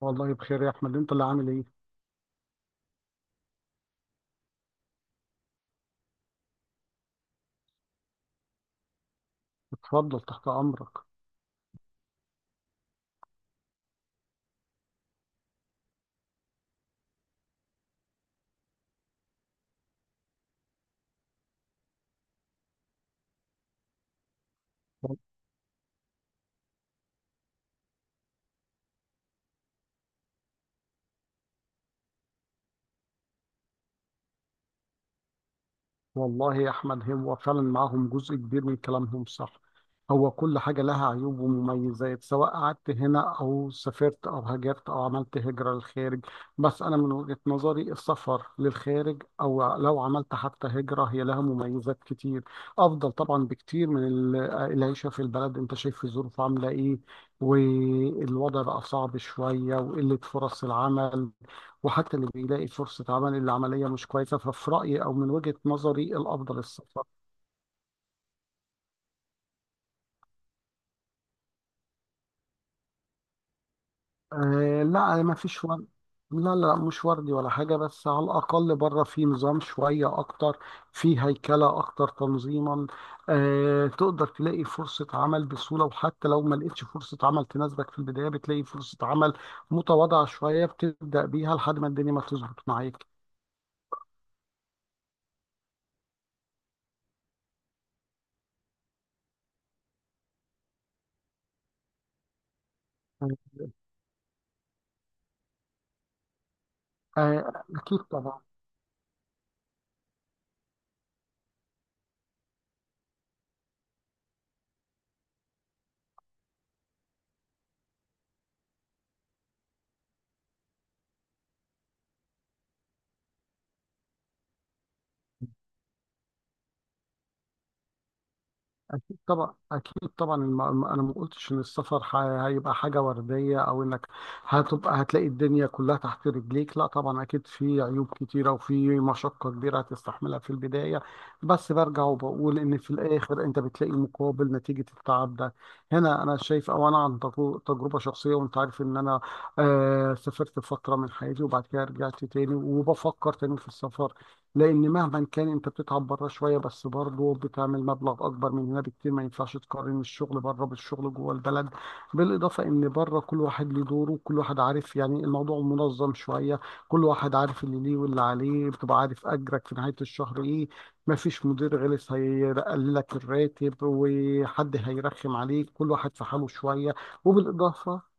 والله بخير يا احمد. انت اللي عامل ايه؟ اتفضل تحت امرك. والله يا احمد هو فعلا معاهم جزء كبير من كلامهم صح. هو كل حاجه لها عيوب ومميزات سواء قعدت هنا او سافرت او هاجرت او عملت هجره للخارج. بس انا من وجهه نظري السفر للخارج او لو عملت حتى هجره هي لها مميزات كتير. افضل طبعا بكتير من العيشه في البلد. انت شايف الظروف عامله ايه، والوضع بقى صعب شويه وقله فرص العمل. وحتى اللي بيلاقي فرصة عمل اللي العملية مش كويسة، ففي رأيي أو من وجهة نظري الأفضل السفر. آه لا، ما فيش ورد. لا لا، مش وردي ولا حاجة، بس على الأقل بره في نظام شوية أكتر، في هيكلة أكتر تنظيما. آه، تقدر تلاقي فرصة عمل بسهولة، وحتى لو ما لقيتش فرصة عمل تناسبك في البداية بتلاقي فرصة عمل متواضعة شوية بتبدأ بيها لحد ما الدنيا ما تظبط معاك. آه أكيد طبعا أكيد طبعا أكيد طبعا. أنا ما قلتش إن السفر هيبقى حاجة وردية أو إنك هتلاقي الدنيا كلها تحت رجليك. لا طبعا، أكيد في عيوب كتيرة وفي مشقة كبيرة هتستحملها في البداية، بس برجع وبقول إن في الآخر أنت بتلاقي مقابل نتيجة التعب ده. هنا أنا شايف، أو أنا عن تجربة شخصية، وأنت عارف إن أنا آه سافرت فترة من حياتي وبعد كده رجعت تاني وبفكر تاني في السفر. لان مهما كان انت بتتعب بره شويه، بس برضه بتعمل مبلغ اكبر من هنا بكتير. ما ينفعش تقارن الشغل بره بالشغل جوه البلد. بالاضافه ان بره كل واحد له دوره، كل واحد عارف، يعني الموضوع منظم شويه. كل واحد عارف اللي ليه واللي عليه، بتبقى عارف اجرك في نهايه الشهر ايه. ما فيش مدير غلس هيقللك الراتب وحد هيرخم عليك، كل واحد في حاله شويه. وبالاضافه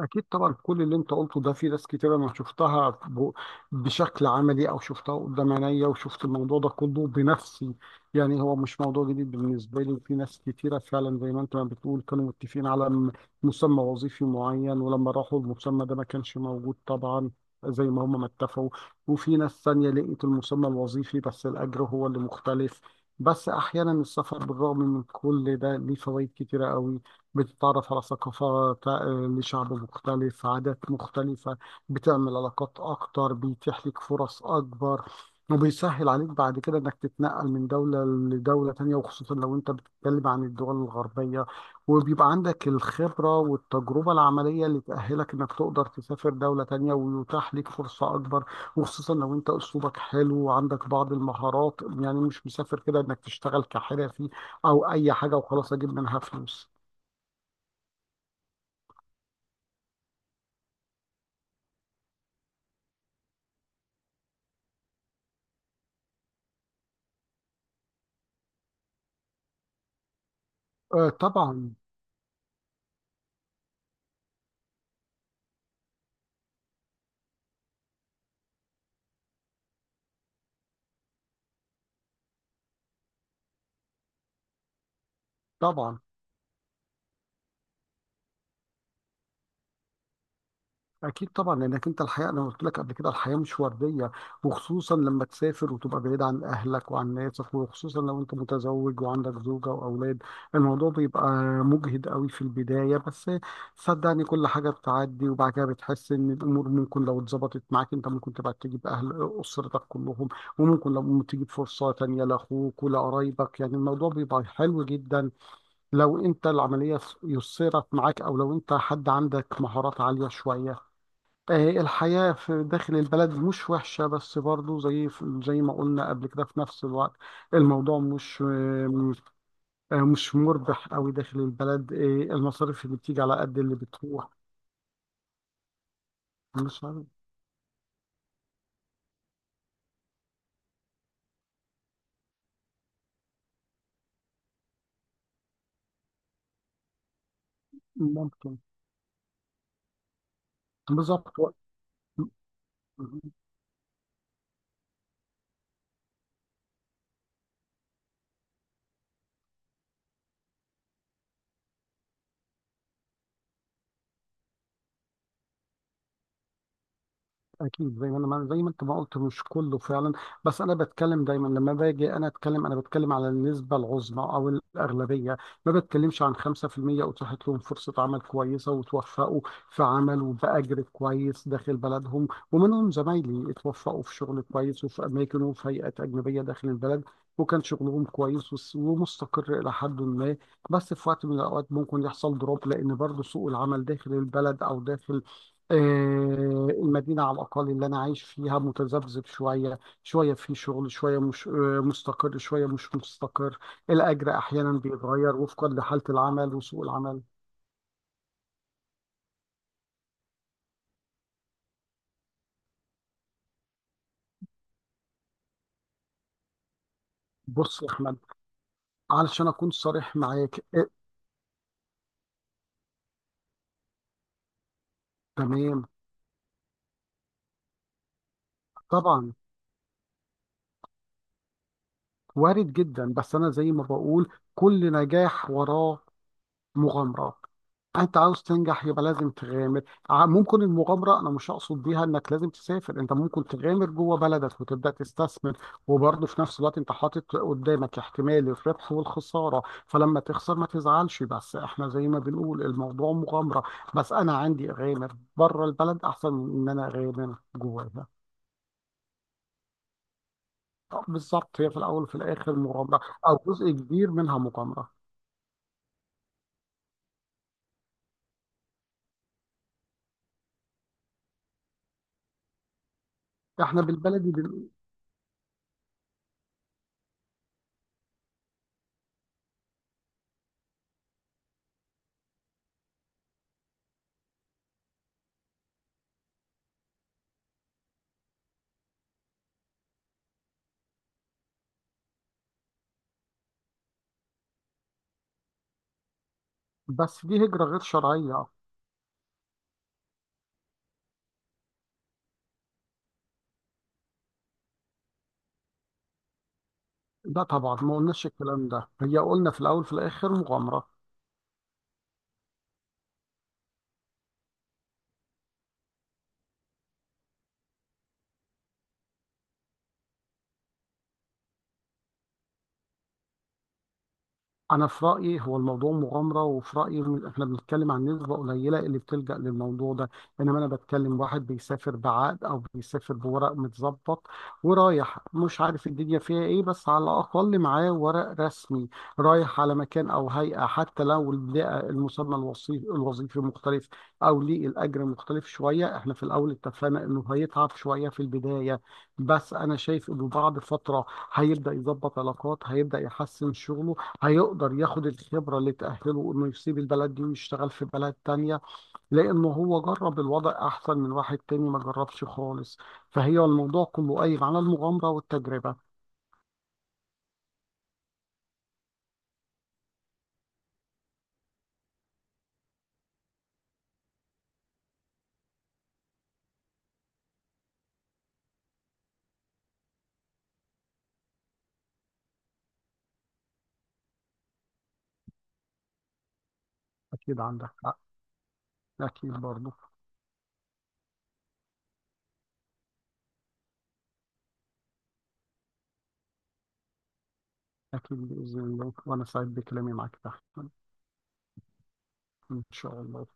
أكيد طبعا. كل اللي أنت قلته ده في ناس كتير أنا شفتها بشكل عملي، أو شفتها قدام عينيا وشفت الموضوع ده كله بنفسي. يعني هو مش موضوع جديد بالنسبة لي، وفي ناس كتيرة فعلا زي ما أنت ما بتقول كانوا متفقين على مسمى وظيفي معين، ولما راحوا المسمى ده ما كانش موجود طبعا زي ما هم ما اتفقوا. وفي ناس تانية لقيت المسمى الوظيفي بس الأجر هو اللي مختلف. بس أحيانا السفر بالرغم من كل ده ليه فوائد كتيرة قوي. بتتعرف على ثقافات، لشعب مختلف، عادات مختلفة. بتعمل علاقات أكتر، بيتيح لك فرص أكبر، وبيسهل عليك بعد كده إنك تتنقل من دولة لدولة تانية، وخصوصا لو أنت بتتكلم عن الدول الغربية. وبيبقى عندك الخبرة والتجربة العملية اللي تأهلك إنك تقدر تسافر دولة تانية ويتاح ليك فرصة أكبر. وخصوصا لو أنت أسلوبك حلو وعندك بعض المهارات، يعني مش مسافر كده إنك تشتغل كحرفي أو أي حاجة وخلاص أجيب منها فلوس. آه طبعا طبعا. اكيد طبعا، لانك انت الحياه انا قلت لك قبل كده الحياه مش ورديه. وخصوصا لما تسافر وتبقى بعيد عن اهلك وعن ناسك، وخصوصا لو انت متزوج وعندك زوجه واولاد. الموضوع بيبقى مجهد قوي في البدايه، بس صدقني كل حاجه بتعدي، وبعد كده بتحس ان الامور ممكن لو اتظبطت معاك انت ممكن تبقى تجيب اهل اسرتك كلهم. وممكن لو تجيب فرصه تانيه لاخوك ولقرايبك، يعني الموضوع بيبقى حلو جدا لو انت العملية يسرت معاك، او لو انت حد عندك مهارات عالية شوية. الحياة في داخل البلد مش وحشة، بس برضو زي ما قلنا قبل كده، في نفس الوقت الموضوع مش مش مربح قوي داخل البلد. المصاريف اللي بتيجي على قد اللي بتروح. مش عارف. ممكن. بالظبط. اكيد زي ما انا زي ما انت ما قلت مش كله فعلا. بس انا بتكلم دايما لما باجي انا اتكلم انا بتكلم على النسبه العظمى او الاغلبيه. ما بتكلمش عن 5% اتاحت لهم فرصه عمل كويسه وتوفقوا في عمل وباجر كويس داخل بلدهم. ومنهم زمايلي اتوفقوا في شغل كويس وفي اماكن وفي هيئات اجنبيه داخل البلد، وكان شغلهم كويس ومستقر الى حد ما. بس في وقت من الاوقات ممكن يحصل دروب، لان برضه سوق العمل داخل البلد او داخل آه، المدينة على الأقل اللي أنا عايش فيها متذبذب شوية شوية، في شغل شوية مش مستقر، شوية مش مستقر. الأجر أحيانا بيتغير وفقا لحالة العمل وسوق العمل. بص يا أحمد، علشان أكون صريح معاك تمام، طبعا وارد جدا. بس أنا زي ما بقول كل نجاح وراه مغامرة. انت عاوز تنجح يبقى لازم تغامر. ممكن المغامره انا مش اقصد بيها انك لازم تسافر، انت ممكن تغامر جوه بلدك وتبدا تستثمر. وبرضه في نفس الوقت انت حاطط قدامك احتمال الربح والخساره، فلما تخسر ما تزعلش، بس احنا زي ما بنقول الموضوع مغامره. بس انا عندي اغامر بره البلد احسن من ان انا اغامر جواها. بالظبط، هي في الاول وفي الاخر مغامره، او جزء كبير منها مغامره. احنا بالبلدي بس دي هجره غير شرعيه. لا طبعا، ما قلناش الكلام ده، هي قلنا في الاول في الاخر مغامره. انا في رايي هو الموضوع مغامره، وفي رايي إن احنا بنتكلم عن نسبه قليله اللي بتلجا للموضوع ده. انما انا بتكلم واحد بيسافر بعقد او بيسافر بورق متظبط، ورايح مش عارف الدنيا فيها ايه، بس على الاقل معاه ورق رسمي. رايح على مكان او هيئه، حتى لو البيئه المسمى الوظيفي مختلف، او ليه الاجر مختلف شويه. احنا في الاول اتفقنا انه هيتعب شويه في البدايه، بس انا شايف انه بعد فتره هيبدا يظبط علاقات، هيبدا يحسن شغله، هيقدر ياخد الخبرة اللي تأهله إنه يسيب البلد دي ويشتغل في بلد تانية، لأنه هو جرب الوضع أحسن من واحد تاني ما جربش خالص. فهي الموضوع كله قايم على المغامرة والتجربة. أكيد عندك حق. أكيد برضه. أكيد بإذن الله، وأنا سعيد بكلامي معك. تحت. إن شاء الله.